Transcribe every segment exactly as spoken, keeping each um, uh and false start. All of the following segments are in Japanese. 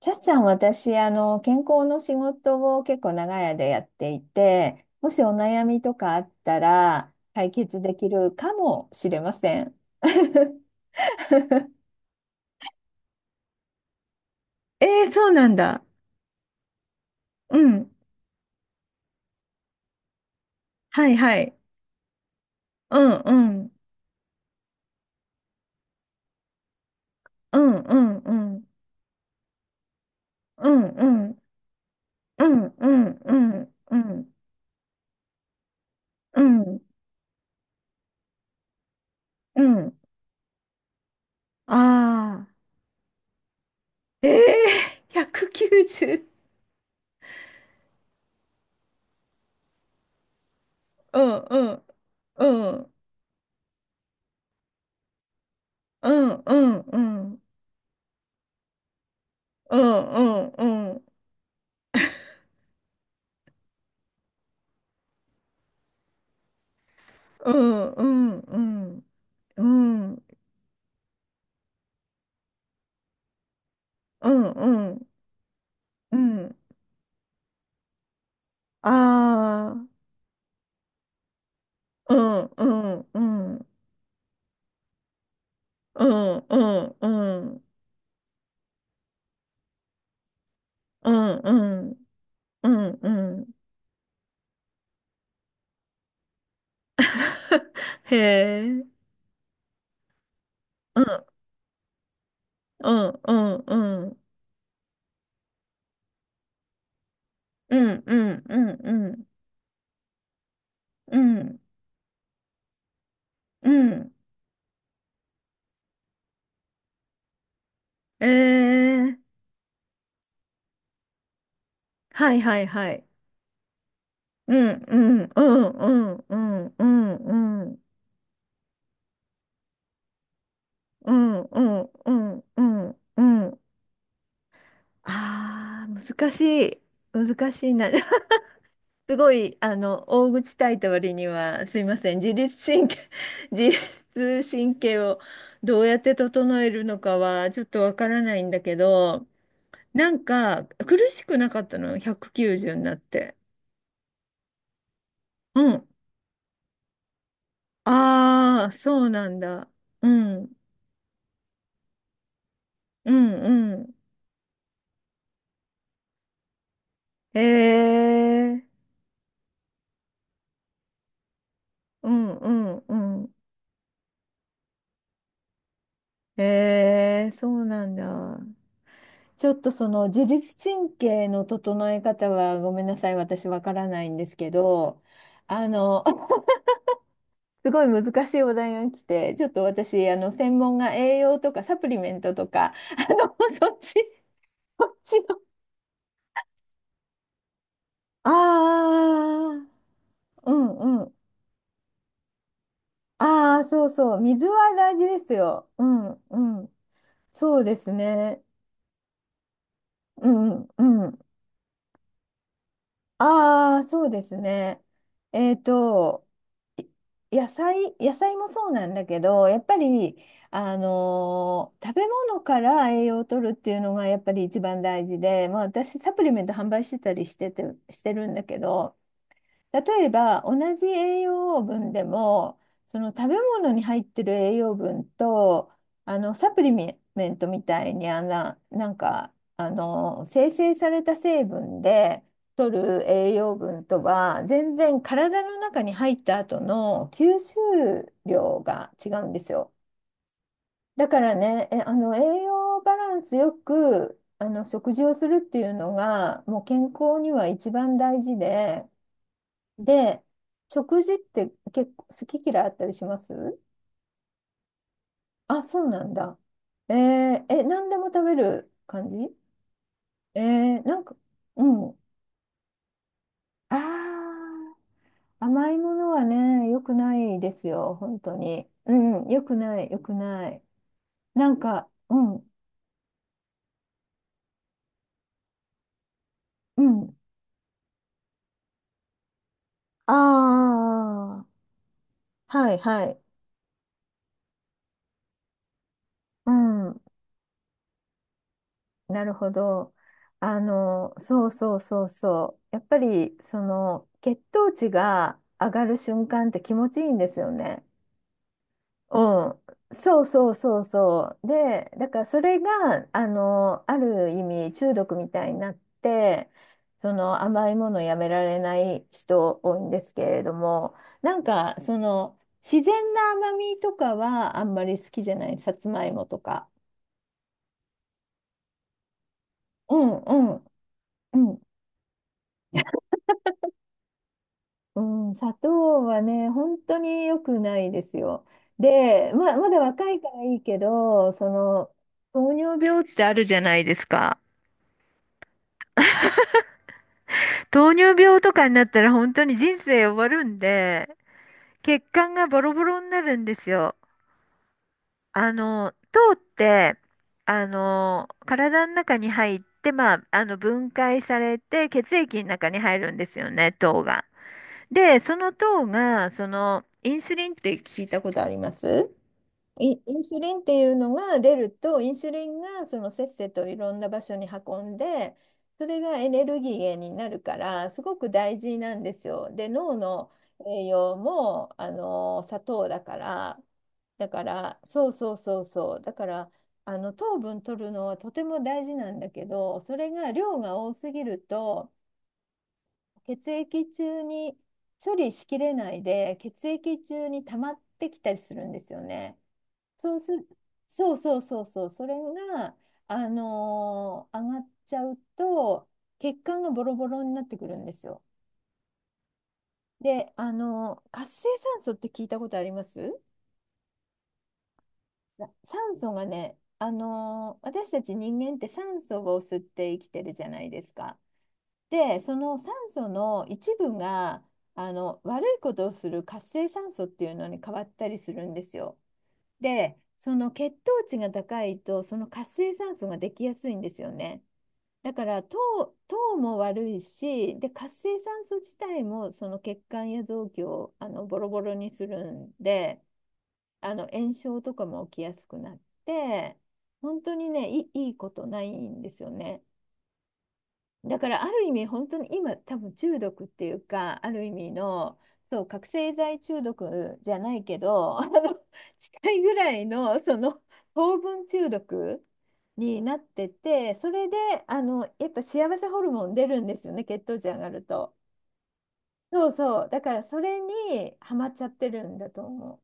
さっさん、私、あの、健康の仕事を結構長い間やっていて、もしお悩みとかあったら解決できるかもしれません。えー、そうなんだ。うん。はいはい。うんうん。うんうんうん。うんうんうんうんうんうんうんうんああー。ええー、ひゃくきゅうじゅう。うんうんうんうんうんうんうんうんうんうんうんうんうんうんうんうんああーうんうんうんうんうんうんうんうんうんうん へえうんうんうんうんうんうんうんうんうんええはいはいはいうんうんうんうんうんうんうんうんうんうんうんうんああ、難しい。難しいな。すごい、あの、大口叩いた割には、すいません。自律神経、自律神経をどうやって整えるのかは、ちょっとわからないんだけど、なんか、苦しくなかったの、ひゃくきゅうじゅうになって。うん。ああ、そうなんだ。うん。うん、うん。ええうん、うん、うん。ええそうなんだ。ちょっとその自律神経の整え方はごめんなさい、私わからないんですけど、あの、すごい難しいお題が来て、ちょっと私、あの、専門が栄養とかサプリメントとか、あの、そっち、そっちの。ああ、うんうん。ああ、そうそう。水は大事ですよ。うんうん。そうですね。うんうん。ああ、そうですね。えっと、い野菜、野菜もそうなんだけど、やっぱり、あのー食べ物から栄養を取るっていうのがやっぱり一番大事で、まあ、私、サプリメント販売してたりしてて、してるんだけど、例えば同じ栄養分でもその食べ物に入ってる栄養分とあのサプリメントみたいにあな、なんかあの生成された成分で取る栄養分とは全然体の中に入った後の吸収量が違うんですよ。だからね、えあの栄養バランスよくあの食事をするっていうのがもう健康には一番大事で。で、食事って結構好き嫌いあったりします？あ、そうなんだ。えー、え、何でも食べる感じ？えー、なんか、うん。ああ、甘いものはね、良くないですよ、本当に。うん、良くない、良くない。なんか、うん、うん。ああ、はい、はい。うん。なるほど。あの、そうそうそうそう。やっぱり、その、血糖値が上がる瞬間って気持ちいいんですよね。うん。そうそうそうそう。で、だからそれが、あの、ある意味中毒みたいになって、その甘いものをやめられない人多いんですけれども、なんか、その、自然な甘みとかはあんまり好きじゃない。さつまいもとか。うんうん。うん。うん、砂糖はね、本当に良くないですよ。で、まあ、まだ若いからいいけど、その、糖尿病ってあるじゃないですか。糖尿病とかになったら本当に人生終わるんで、血管がボロボロになるんですよ。あの、糖って、あの、体の中に入って、まあ、あの、分解されて血液の中に入るんですよね、糖が。で、その糖が、その、インスリンって聞いたことあります？イン、インスリンっていうのが出ると、インスリンがそのせっせといろんな場所に運んで、それがエネルギー源になるから、すごく大事なんですよ。で、脳の栄養も、あの、砂糖だから、だから、そうそうそうそう、だから、あの、糖分取るのはとても大事なんだけど、それが量が多すぎると、血液中に処理しきれないで、血液中に溜まってきたりするんですよね。そうする、そうそうそうそう、それが、あのー上がっちゃうと、血管がボロボロになってくるんですよ。で、あのー活性酸素って聞いたことあります？な酸素がね、あのー私たち人間って酸素を吸って生きてるじゃないですか。で、その酸素の一部が、あの、悪いことをする活性酸素っていうのに変わったりするんですよ。で、その血糖値が高いと、その活性酸素ができやすいんですよね。だから糖、糖も悪いし、で、活性酸素自体もその血管や臓器をあのボロボロにするんで、あの炎症とかも起きやすくなって、本当にね、いい、いいことないんですよね。だからある意味本当に今多分中毒っていうかある意味のそう覚醒剤中毒じゃないけどあの 近いぐらいのその糖分中毒になってて、それであのやっぱ幸せホルモン出るんですよね、血糖値上がると。そうそうだからそれにハマっちゃってるんだと思う。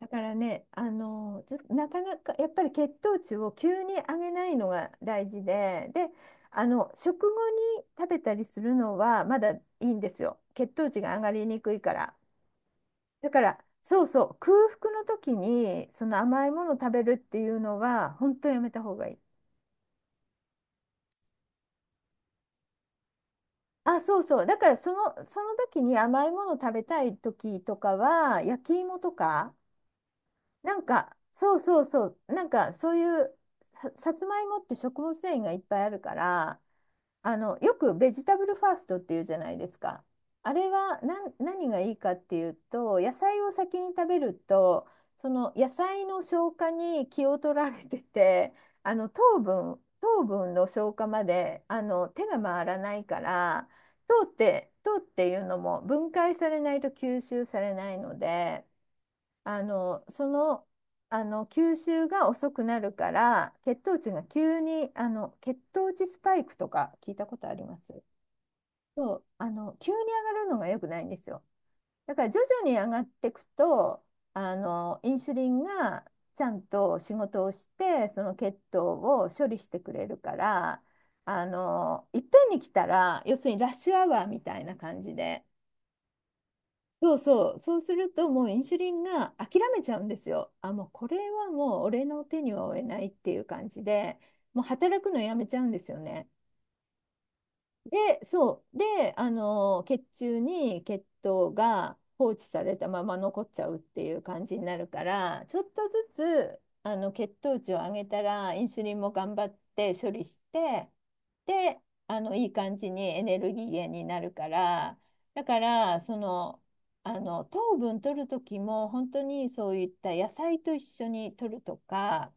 だからね、あのずなかなかやっぱり血糖値を急に上げないのが大事で、で、あの食後に食べたりするのはまだいいんですよ。血糖値が上がりにくいから。だからそうそう、空腹の時にその甘いものを食べるっていうのは本当やめた方がいい。あ、そうそう。だからその、その時に甘いものを食べたい時とかは焼き芋とかなんか、そうそうそう、なんかそういうさ、さつまいもって食物繊維がいっぱいあるから、あの、よくベジタブルファーストっていうじゃないですか。あれはなん何がいいかっていうと、野菜を先に食べると、その野菜の消化に気を取られてて、あの糖分、糖分の消化まであの手が回らないから、糖って、糖っていうのも分解されないと吸収されないので。あの、その、あの、吸収が遅くなるから、血糖値が急に、あの、血糖値スパイクとか聞いたことあります？そう、あの、急に上がるのが良くないんですよ。だから徐々に上がっていくと、あの、インスリンがちゃんと仕事をして、その血糖を処理してくれるから、あの、いっぺんに来たら、要するにラッシュアワーみたいな感じで、そうそう、そうするともうインシュリンが諦めちゃうんですよ。あ、もうこれはもう俺の手には負えないっていう感じで、もう働くのやめちゃうんですよね。で、そう。で、あの、血中に血糖が放置されたまま残っちゃうっていう感じになるから、ちょっとずつ、あの、血糖値を上げたら、インスリンも頑張って処理して、で、あの、いい感じにエネルギー源になるから、だから、その、あの、糖分取る時も、本当にそういった野菜と一緒に取るとか、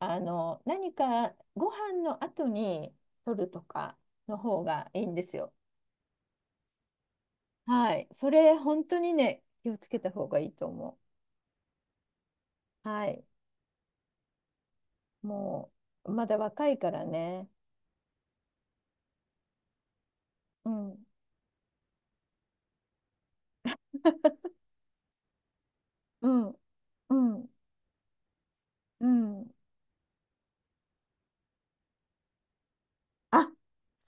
あの、何かご飯の後に取るとかの方がいいんですよ。はい。それ、本当にね、気をつけた方がいいと思う。はい。もう、まだ若いからね。うん、うん、うん、うん。あ、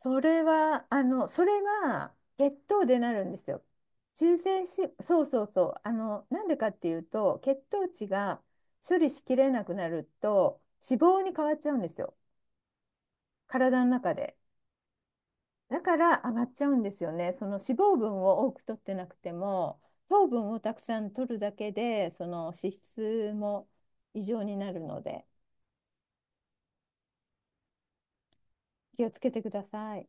それは、あの、それが血糖でなるんですよ。中性脂、そうそうそう。あの、なんでかっていうと、血糖値が処理しきれなくなると、脂肪に変わっちゃうんですよ。体の中で。だから上がっちゃうんですよね。その脂肪分を多く取ってなくても、糖分をたくさん取るだけで、その脂質も異常になるので、気をつけてください。